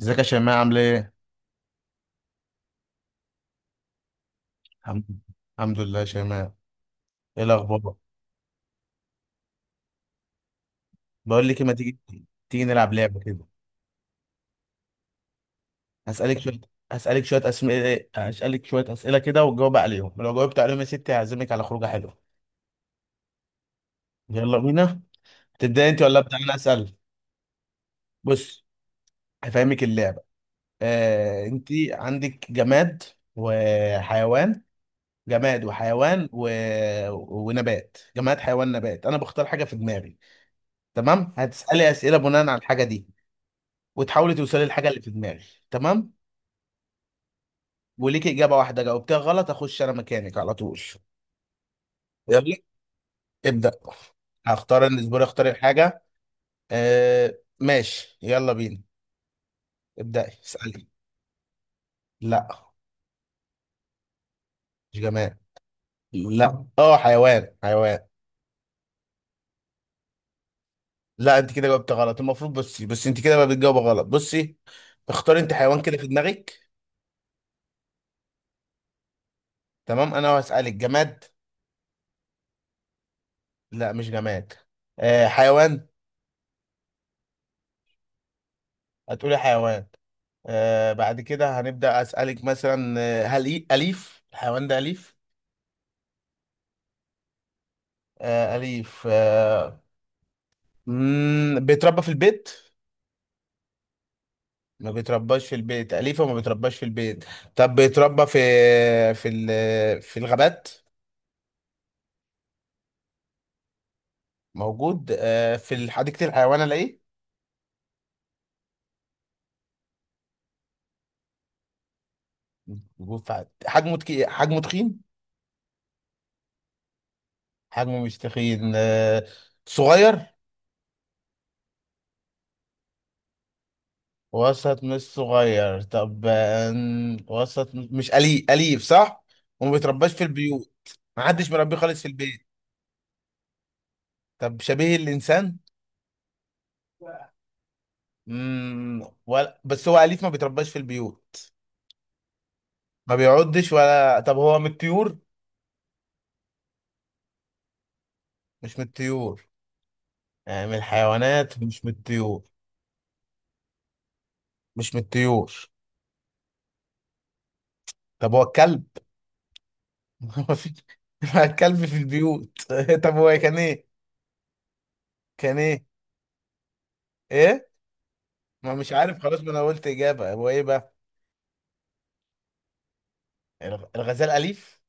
ازيك يا شيماء عامل ايه؟ الحمد الحمد لله يا شيماء، ايه الاخبار؟ بقول لك إيه، ما تيجي تيجي نلعب لعبه كده. هسألك شويه هسألك شويه اسئله كده وتجاوب عليهم، لو جاوبت عليهم يا ستي هعزمك على خروجه حلوه. يلا بينا، تبدأ انت ولا ابدأ انا اسأل؟ بص، هفهمك اللعبه. انت عندك جماد وحيوان، جماد وحيوان و... ونبات. جماد حيوان نبات، انا بختار حاجه في دماغي، تمام؟ هتسألي اسئله بناء على الحاجه دي، وتحاولي توصلي للحاجه اللي في دماغي، تمام. وليكي اجابه واحده، جاوبتها غلط اخش انا مكانك على طول. يلا ابدا. هختار انا الاسبوع، اختار الحاجه. آه ماشي، يلا بينا، ابداي اسالي. لا، مش جماد. لا اه، حيوان حيوان. لا، انت كده جاوبت غلط. المفروض بصي، بس انت كده بقى بتجاوب غلط، بصي. اختاري انت حيوان كده في دماغك. تمام، انا هسالك جماد. لا، مش جماد. آه، حيوان. هتقولي حيوان. آه، بعد كده هنبدأ أسألك مثلا آه، هل أليف الحيوان ده؟ أليف؟ آه أليف، آه. مم، بيتربى في البيت؟ ما بيترباش في البيت. أليف وما بيترباش في البيت. طب بيتربى في في الغابات؟ موجود آه في حديقة الحيوان ألاقيه؟ موجود في حجمه حجمه تخين؟ حجمه مش تخين، آه صغير؟ وسط مش صغير. طب آه، وسط مش أليف، أليف صح؟ وما بيترباش في البيوت. ما حدش مربيه خالص في البيت. طب شبيه الإنسان؟ ولا بس هو أليف ما بيترباش في البيوت. ما بيعضش، ولا طب هو من الطيور؟ مش من الطيور. يعني من الحيوانات مش من الطيور. مش من الطيور. طب هو الكلب؟ ما في، ما الكلب في البيوت. طب هو كان إيه؟ كان إيه؟ إيه؟ ما مش عارف خلاص، ما أنا قلت إجابة. هو إيه بقى؟ الغزال أليف؟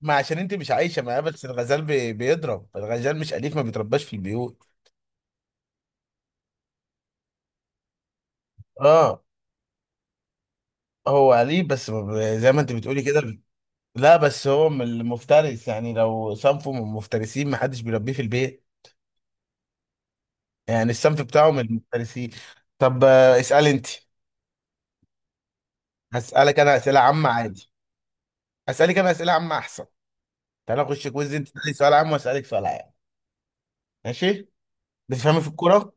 ما عشان انت مش عايشه معاه، بس الغزال بيضرب. الغزال مش اليف ما بيترباش في البيوت. اه هو اليف، بس ما ب- زي ما انت بتقولي كده. لا بس هو من المفترس، يعني لو صنفه من المفترسين ما حدش بيربيه في البيت. يعني الصنف بتاعه من المفترسين. طب آه، اسالي انت. هسالك انا اسئله عامه عادي. هسالك انا اسئله عامه احسن. تعالى اخش كويز، انت تسالي سؤال عام واسالك سؤال عام. ماشي. بتفهمي في الكوره؟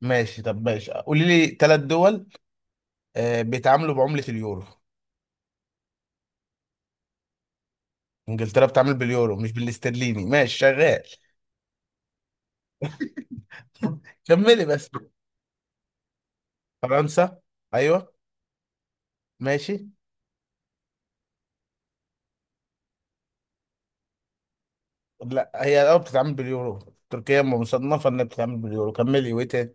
ماشي. طب ماشي، قولي لي ثلاث دول بيتعاملوا بعمله اليورو. انجلترا بتعمل باليورو مش بالاسترليني؟ ماشي شغال. كملي بس. فرنسا، ايوه، ماشي. لا هي اه بتتعامل باليورو. تركيا مصنفه انها بتتعامل باليورو. كملي، وايه تاني؟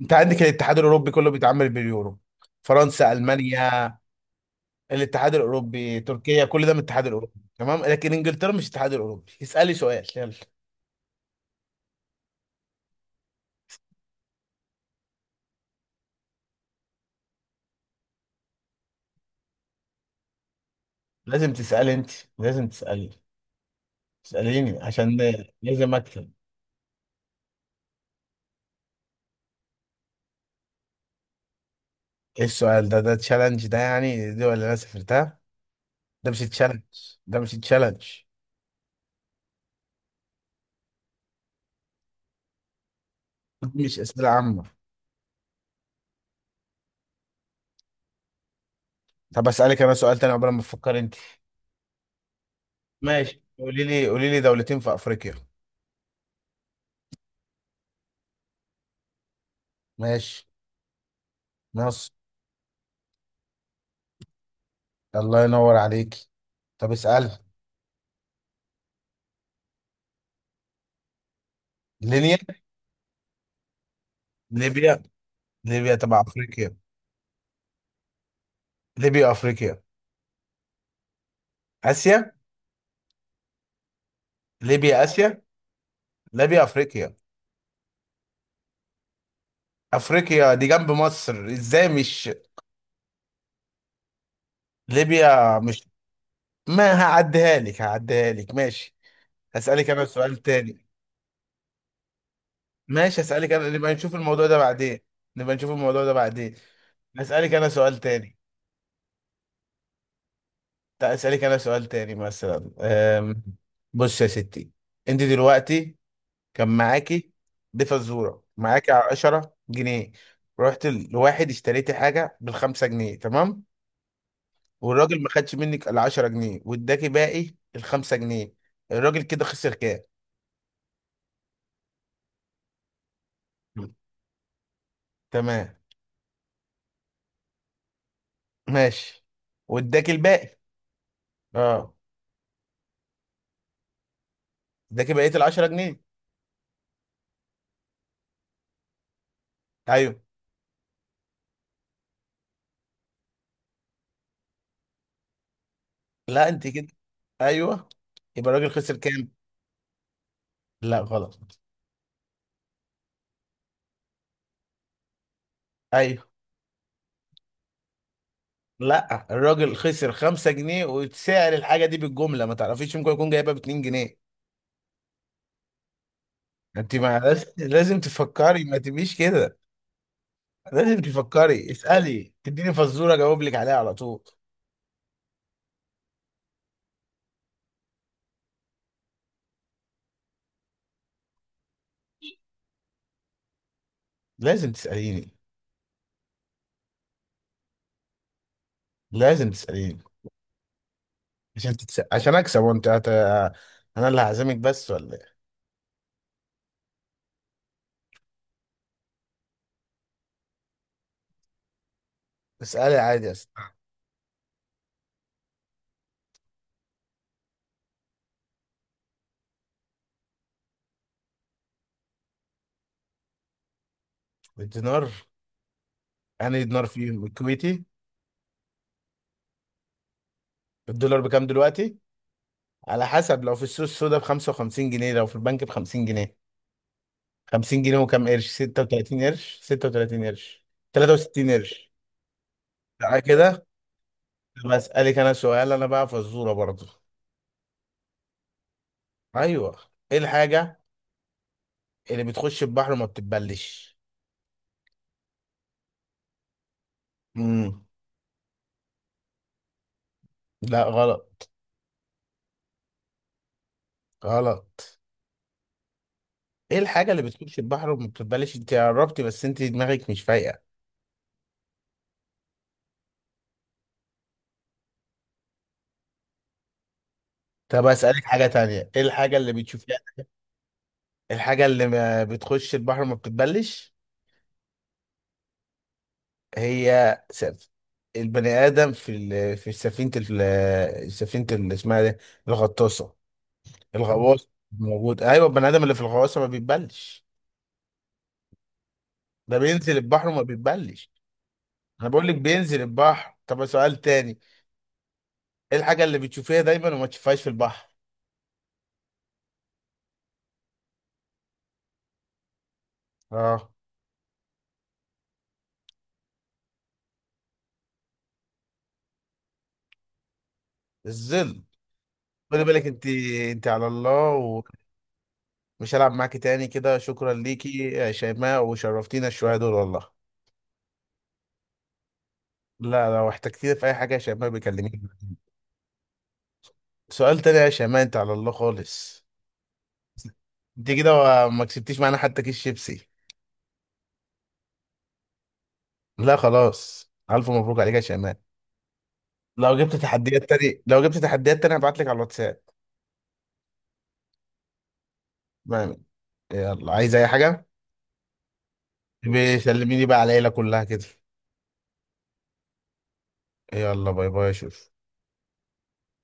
انت عندك الاتحاد الاوروبي كله بيتعامل باليورو، فرنسا، المانيا. الاتحاد الاوروبي، تركيا، كل ده من الاتحاد الاوروبي. تمام لكن انجلترا مش الاتحاد الاوروبي. اسالي سؤال يلا. لازم تسالي انت لازم تسالي. اساليني عشان لازم اكتب. ايه السؤال ده؟ ده تشالنج ده يعني؟ دي ولا انا سافرتها؟ ده مش تشالنج ده مش تشالنج. دي مش اسئله عامه. طب اسالك انا سؤال تاني عقبال ما تفكر انت. ماشي، قولي لي دولتين في افريقيا. ماشي، مصر. الله ينور عليك. طب اسال. ليبيا. ليبيا ليبيا تبع افريقيا. ليبيا افريقيا. اسيا. ليبيا اسيا. ليبيا افريقيا. افريقيا دي جنب مصر ازاي مش، ليبيا مش، ما هعديها لك، هعديها لك ماشي. هسألك انا سؤال تاني. ماشي اسالك انا، نبقى نشوف الموضوع ده بعدين. اسالك انا سؤال تاني. طيب اسالك انا سؤال تاني، مثلا بص يا ستي، انت دلوقتي كان معاكي، دي فزوره معاكي، 10 جنيه. رحت لواحد اشتريتي حاجه بالخمسة جنيه، تمام؟ والراجل ما خدش منك ال 10 جنيه واداكي باقي الخمسة جنيه. الراجل كده خسر كام؟ مم. تمام. ماشي، واداكي الباقي. اه، اداكي بقيه ال 10 جنيه. ايوه. لا انت كده، ايوه، يبقى الراجل خسر كام؟ لا غلط. ايوه. لا، الراجل خسر 5 جنيه، وسعر الحاجه دي بالجمله ما تعرفيش، ممكن يكون جايبها ب 2 جنيه. انت ما لازم تفكري، ما تبقيش كده. لازم تفكري، اسالي، تديني فزوره اجاوب لك عليها على طول. لازم تساليني لازم تساليني عشان عشان اكسب، وانت انا اللي هعزمك بس ولا ايه؟ اسالي عادي يا ست. الدينار، انا دينار فيه الكويتي. الدولار بكام دلوقتي؟ على حسب، لو في السوق السودا ب 55 جنيه، لو في البنك ب 50 جنيه. 50 جنيه وكام قرش، 36 قرش، 63 قرش. تعالى كده. طب اسالك انا سؤال انا بقى، فزوره برضو. ايوه. ايه الحاجه اللي بتخش البحر وما بتتبلش؟ امم. لا غلط. غلط. ايه الحاجه اللي بتخش البحر وما بتتبلش؟ انت قربتي، بس انت دماغك مش فايقه. طب اسالك حاجه تانية، ايه الحاجه اللي بتشوفيها؟ الحاجه اللي ما بتخش البحر وما بتتبلش. هي البني ادم في في سفينه سفينه اسمها دي الغطاسه. الغواص موجود، ايوه، البني ادم اللي في الغواصه ما بيتبلش. ده بينزل البحر وما بيتبلش. انا بقول لك بينزل البحر. طب سؤال تاني. ايه الحاجه اللي بتشوفيها دايما وما تشوفهاش في البحر؟ اه. الظل. خلي بالك انت، انت على الله. ومش هلعب معاكي تاني كده، شكرا ليكي يا شيماء وشرفتينا الشويه دول والله. لا، لو احتجتيني في اي حاجه يا شيماء بيكلميني. سؤال تاني يا شيماء؟ انت على الله خالص. انت كده ما كسبتيش معانا حتى كيس شيبسي. لا خلاص، الف مبروك عليك يا شيماء. لو جبت تحديات تاني هبعت لك على الواتساب. ما- يلا، عايز اي حاجه؟ بيسلميني بقى على العيله كلها كده. يلا باي باي يا شوف.